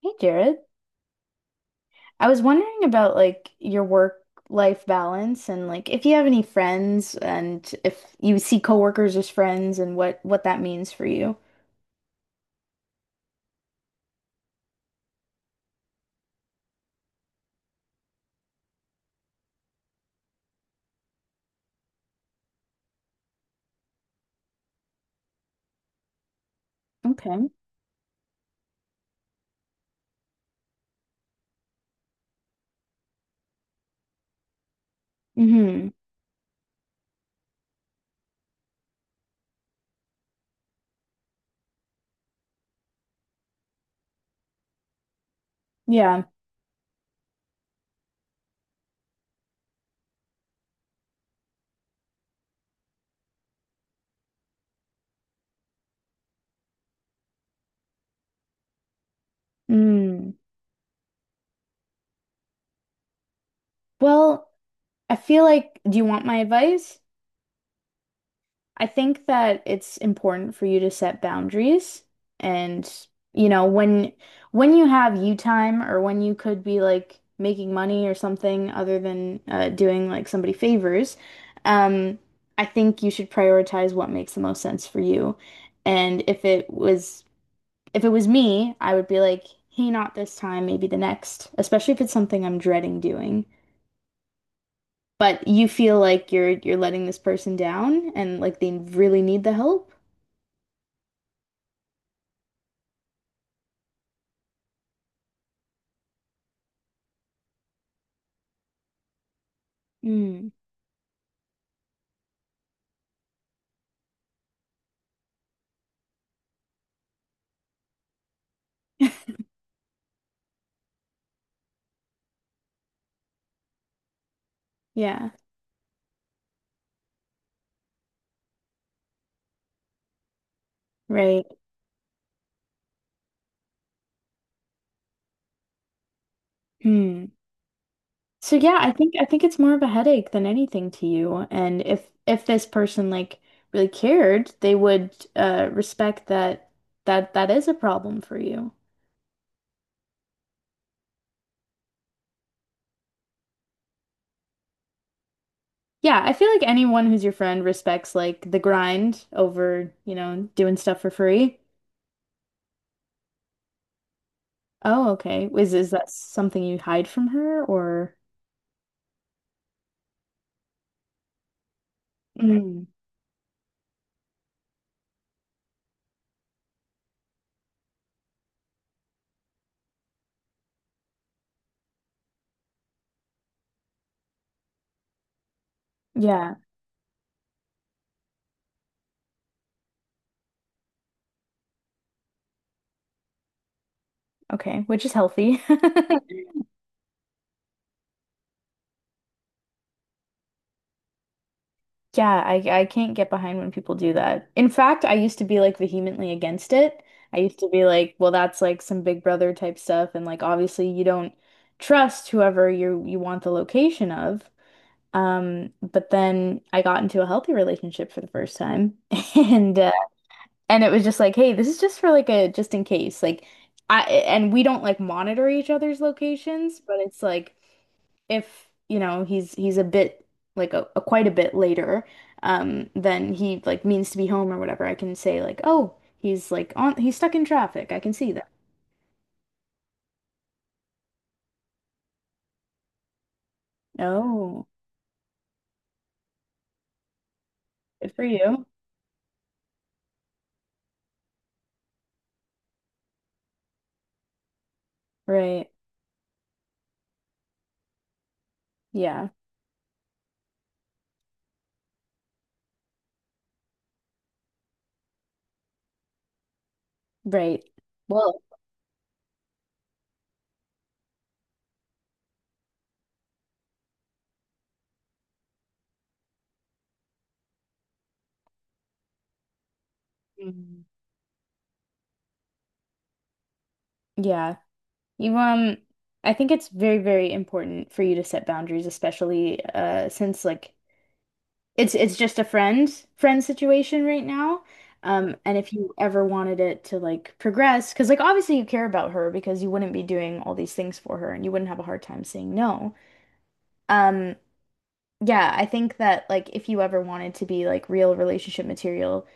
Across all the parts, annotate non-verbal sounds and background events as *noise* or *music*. Hey Jared, I was wondering about your work life balance and if you have any friends and if you see coworkers as friends and what that means for you. Okay. Mm-hmm. Yeah. Mm. Well, I feel like, do you want my advice? I think that it's important for you to set boundaries, and you know when you have you time, or when you could be like making money or something other than doing like somebody favors. um I think you should prioritize what makes the most sense for you. And if it was me, I would be like, hey, not this time, maybe the next, especially if it's something I'm dreading doing. But you feel like you're letting this person down, and like they really need the help. Mm. *laughs* Yeah, right. Hmm. So yeah, I think it's more of a headache than anything to you. And if this person like really cared, they would respect that that is a problem for you. Yeah, I feel like anyone who's your friend respects like the grind over, you know, doing stuff for free. Oh, okay. Is that something you hide from her, or... Mm. Yeah. Okay, which is healthy. *laughs* Yeah, I can't get behind when people do that. In fact, I used to be like vehemently against it. I used to be like, well, that's like some Big Brother type stuff, and like obviously you don't trust whoever you want the location of. But then I got into a healthy relationship for the first time, *laughs* and uh, and it was just like, hey, this is just for like a just in case, like I— and we don't like monitor each other's locations, but it's like if you know he's a bit like a quite a bit later, um, then he like means to be home or whatever, I can say like, oh, he's like on he's stuck in traffic, I can see that. Oh, good for you. Right. Yeah. Right. Well. Mm, yeah. you I think it's very important for you to set boundaries, especially since like it's just a friend situation right now. And if you ever wanted it to like progress, because like obviously you care about her, because you wouldn't be doing all these things for her and you wouldn't have a hard time saying no. Um, yeah, I think that like if you ever wanted to be like real relationship material,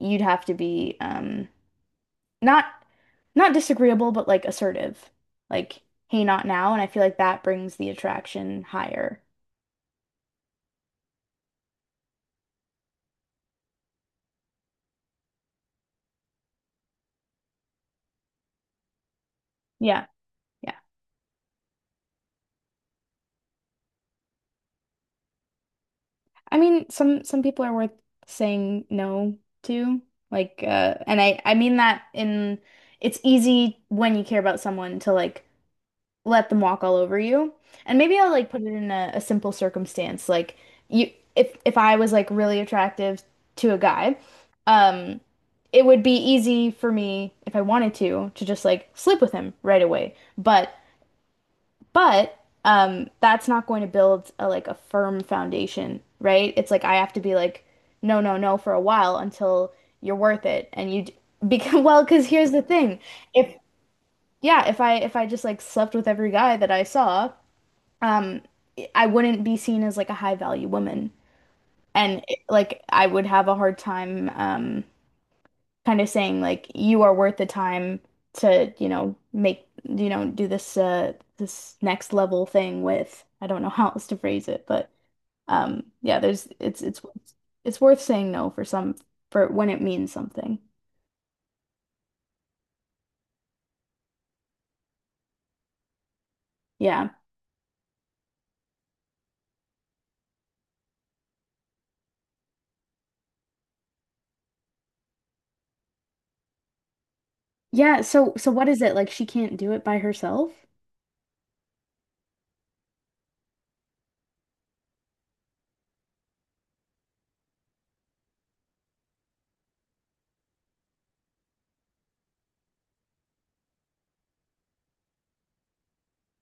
you'd have to be, um, not disagreeable, but like assertive. Like, hey, not now. And I feel like that brings the attraction higher. Yeah. I mean, some people are worth saying no to. Like, and I mean that in— it's easy when you care about someone to like let them walk all over you. And maybe I'll like put it in a simple circumstance. Like you— if I was like really attractive to a guy, um, it would be easy for me if I wanted to just like sleep with him right away. But but that's not going to build a like a firm foundation, right? It's like I have to be like, no, no, no for a while until you're worth it. And you d- *laughs* Because, well, because here's the thing. If Yeah, if I just like slept with every guy that I saw, um, I wouldn't be seen as like a high value woman. And like I would have a hard time, um, kind of saying like, you are worth the time to, you know, make, you know, do this this next level thing with. I don't know *laughs* how else to phrase it, but um, yeah, there's it's worth saying no for some for when it means something. Yeah. Yeah, so what is it? Like she can't do it by herself?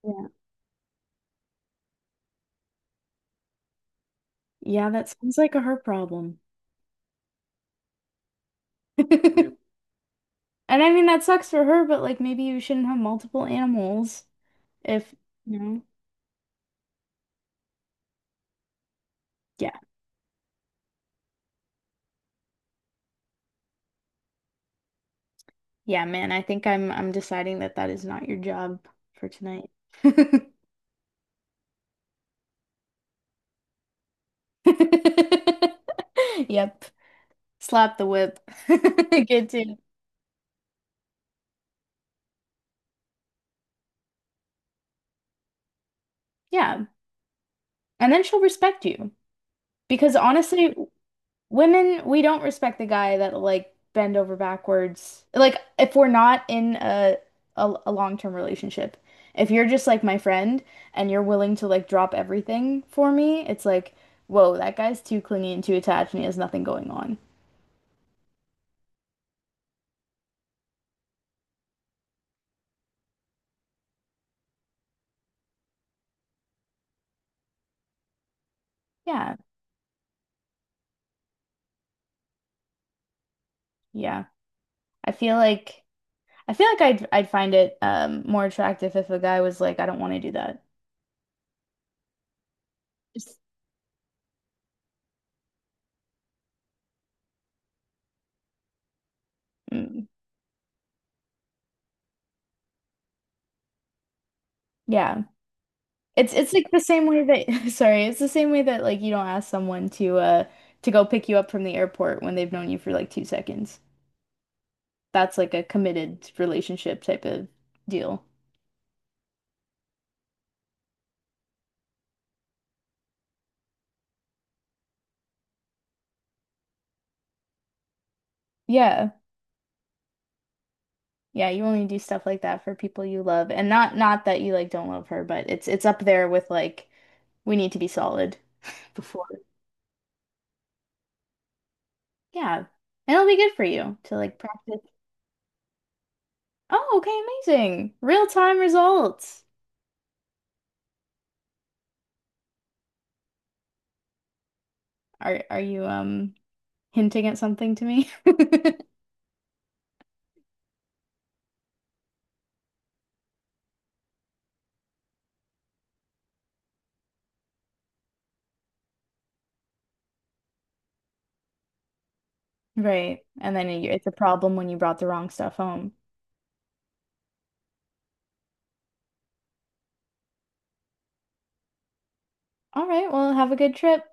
Yeah. Yeah, that sounds like a her problem. *laughs* And I mean that sucks for her, but like maybe you shouldn't have multiple animals, if you know. Yeah. Yeah, man, I'm deciding that that is not your job for tonight. *laughs* Yep. Slap the whip. *laughs* Good to. Yeah. And then she'll respect you. Because honestly, women, we don't respect the guy that like bend over backwards. Like if we're not in a long-term relationship. If you're just like my friend and you're willing to like drop everything for me, it's like, whoa, that guy's too clingy and too attached, and he has nothing going on. Yeah. Yeah. I feel like I'd find it more attractive if a guy was like, I don't want to do that. Just mm, yeah. It's like the same way that *laughs* sorry, it's the same way that like you don't ask someone to go pick you up from the airport when they've known you for like 2 seconds. That's like a committed relationship type of deal. Yeah. Yeah, you only do stuff like that for people you love. And not that you like don't love her, but it's up there with like we need to be solid *laughs* before. Yeah. And it'll be good for you to like practice. Oh, okay, amazing. Real-time results. Are you hinting at something to me? *laughs* Right. And then you, it's a problem when you brought the wrong stuff home. All right, well, have a good trip.